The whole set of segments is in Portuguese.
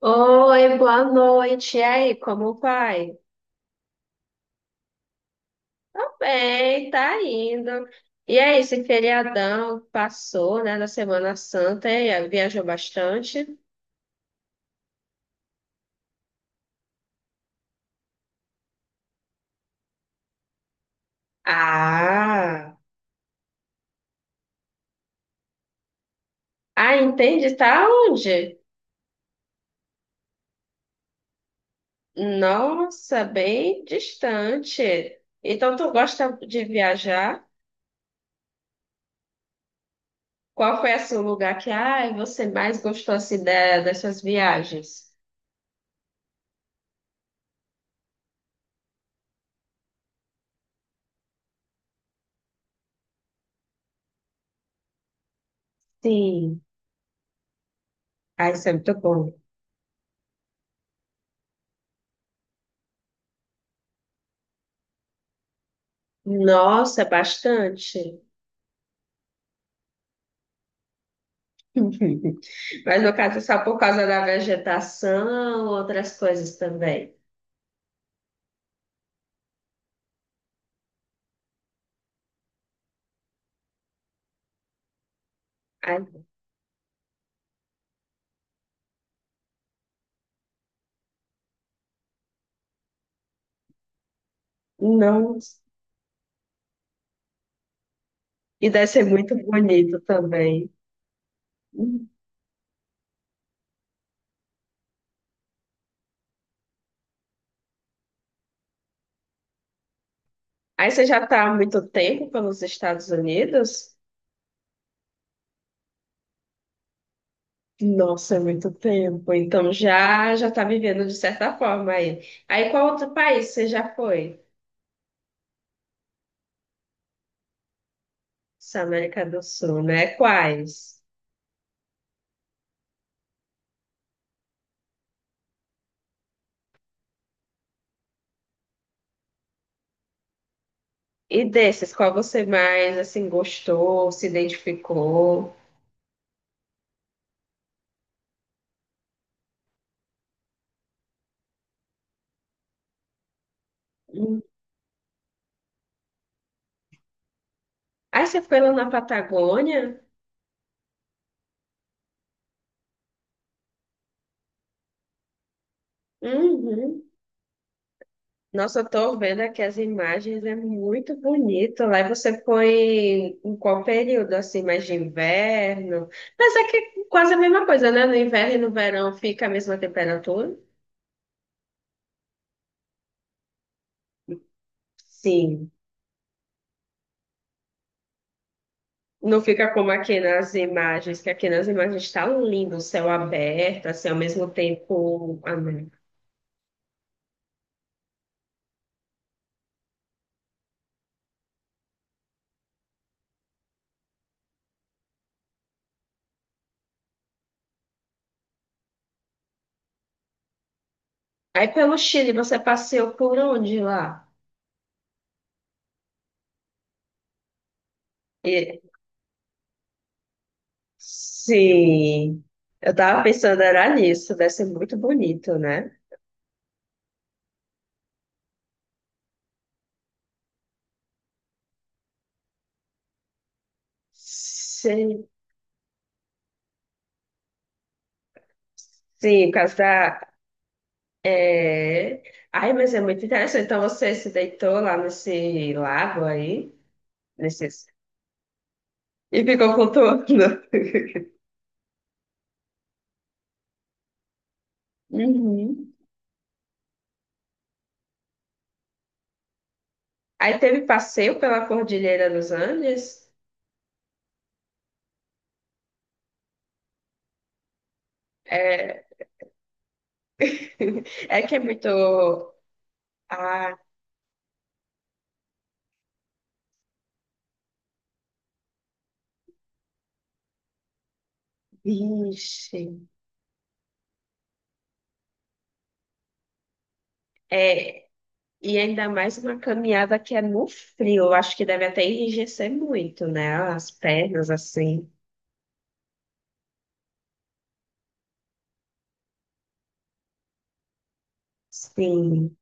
Oi, boa noite. E aí, como vai? Tô bem, tá indo. E aí, esse feriadão passou, né, da Semana Santa e aí, viajou bastante? Ah, ah, entendi. Tá onde? Nossa, bem distante. Então, tu gosta de viajar? Qual foi assim, o lugar que você mais gostou assim, das suas viagens? Sim. Ah, isso é muito bom. Nossa, bastante. Mas no caso, é só por causa da vegetação, outras coisas também. Ai, não. E deve ser muito bonito também. Aí você já está há muito tempo pelos Estados Unidos? Nossa, é muito tempo. Então já já está vivendo de certa forma aí. Aí qual outro país você já foi? Essa América do Sul, né? Quais? E desses, qual você mais assim gostou, se identificou? Hum. Aí você foi lá na Patagônia? Uhum. Nossa, eu tô vendo aqui as imagens, é muito bonito. Lá você foi em qual período, assim, mais de inverno? Mas é que quase a mesma coisa, né? No inverno e no verão fica a mesma temperatura? Sim. Não fica como aqui nas imagens, que aqui nas imagens está lindo, o céu aberto, assim, ao mesmo tempo. Ah, não. Aí pelo Chile, você passeou por onde lá? E- Sim. Eu tava pensando, era nisso, deve ser muito bonito, né? Sim. Sim, por causa da. É... Ai, mas é muito interessante. Então você se deitou lá nesse lago aí, nesse... e ficou flutuando. Uhum. Aí teve passeio pela Cordilheira dos Andes. É, é que é muito. Ah, vixe. É, e ainda mais uma caminhada que é no frio. Eu acho que deve até enrijecer muito, né? As pernas assim. Sim.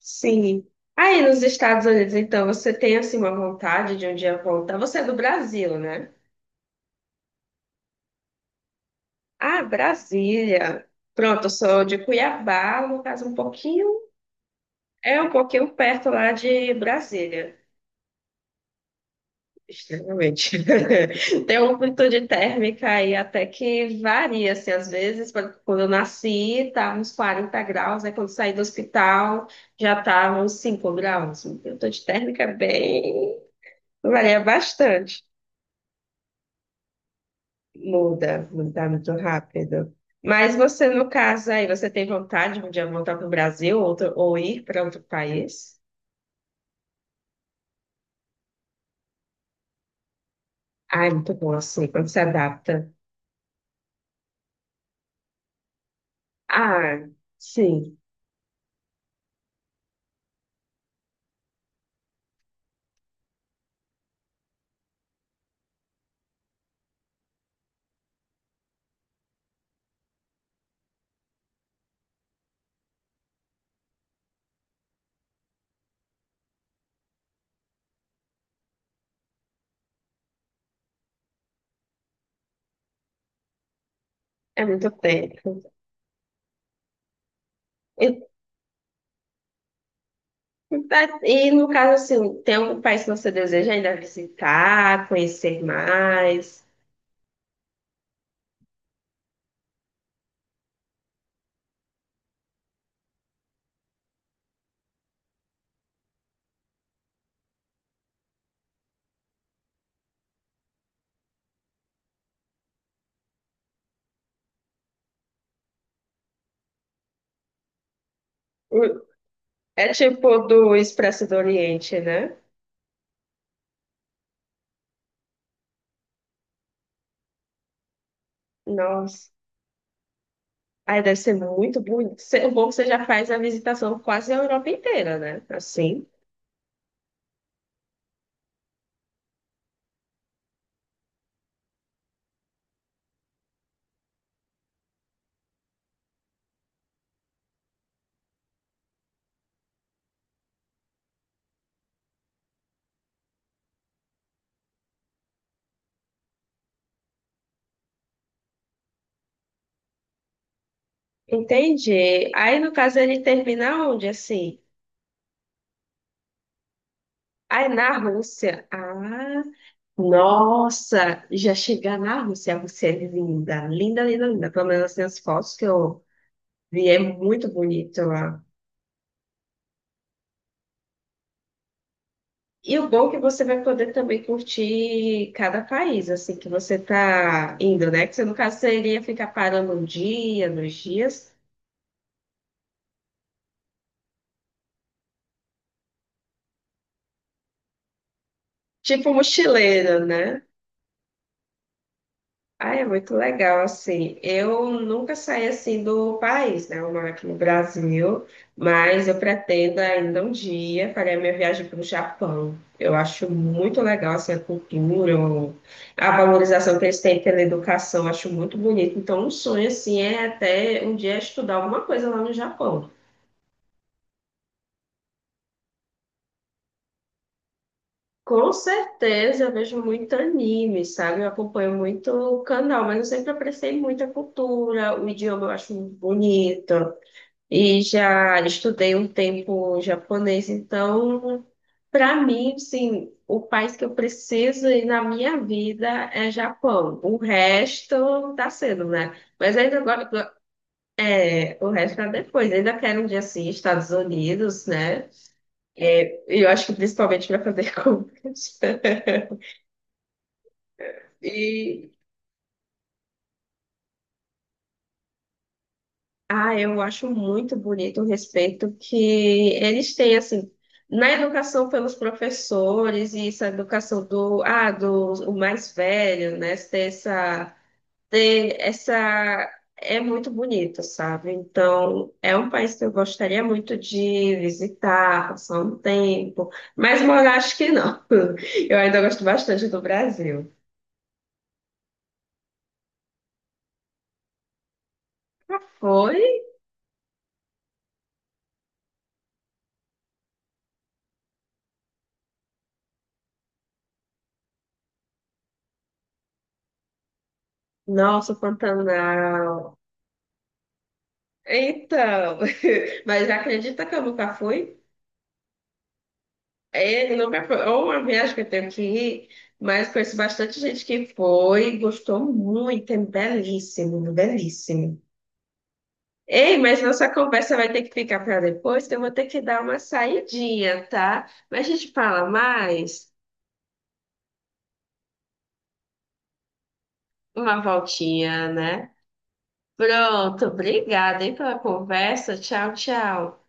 Sim. Aí nos Estados Unidos, então, você tem assim uma vontade de um dia voltar. Você é do Brasil, né? Ah, Brasília. Pronto, eu sou de Cuiabá, no caso um pouquinho, é um pouquinho perto lá de Brasília. Extremamente. Tem uma amplitude térmica aí até que varia, assim, às vezes, quando eu nasci, estava uns 40 graus, aí quando saí do hospital já estava uns 5 graus. A amplitude térmica é bem... varia bastante. Mudar muito rápido. Mas você, no caso aí, você tem vontade de voltar para o Brasil ou ir para outro país? Ah, é muito bom assim, quando se adapta. Ah, sim, é muito tempo. E, e, no caso, assim, tem algum país que você deseja ainda visitar, conhecer mais? Hum, É tipo do Expresso do Oriente, né? Nossa, aí deve ser muito bonito. O bom é que você já faz a visitação quase a Europa inteira, né? Assim. Entendi. Aí, no caso, ele termina onde, assim? Aí, na Rússia. Ah, nossa! Já chegar na Rússia, você é linda. Linda, linda, linda. Pelo menos assim, as fotos que eu vi, é muito bonito lá. E o bom é que você vai poder também curtir cada país, assim, que você tá indo, né? Que você, no caso, você iria ficar parando um dia, dois dias. Tipo mochileiro, né? Ah, é muito legal, assim. Eu nunca saí assim do país, né? Eu moro aqui no Brasil, mas eu pretendo ainda um dia fazer a minha viagem para o Japão. Eu acho muito legal, assim, a cultura, a valorização que eles têm pela educação, eu acho muito bonito. Então, um sonho, assim, é até um dia estudar alguma coisa lá no Japão. Com certeza, eu vejo muito anime, sabe? Eu acompanho muito o canal, mas eu sempre apreciei muito a cultura, o idioma eu acho bonito. E já estudei um tempo japonês, então, para mim, assim, o país que eu preciso ir na minha vida é Japão. O resto tá sendo, né? Mas ainda agora, é, o resto é depois. Ainda quero um dia assim, Estados Unidos, né? É, eu acho que principalmente para fazer compras. E Ah, eu acho muito bonito o respeito que eles têm, assim, na educação pelos professores e essa educação do o mais velho, né? Ter essa, é muito bonito, sabe? Então, é um país que eu gostaria muito de visitar, passar um tempo, mas morar acho que não. Eu ainda gosto bastante do Brasil. Foi? Nossa, Pantanal. Então, mas acredita que eu nunca fui? Ele não me apro- é uma viagem que eu tenho que ir, mas conheço bastante gente que foi, gostou muito, é belíssimo, belíssimo. Ei, mas nossa conversa vai ter que ficar para depois, que eu vou ter que dar uma saidinha, tá? Mas a gente fala mais, uma voltinha, né? Pronto, obrigada, hein, pela conversa. Tchau, tchau.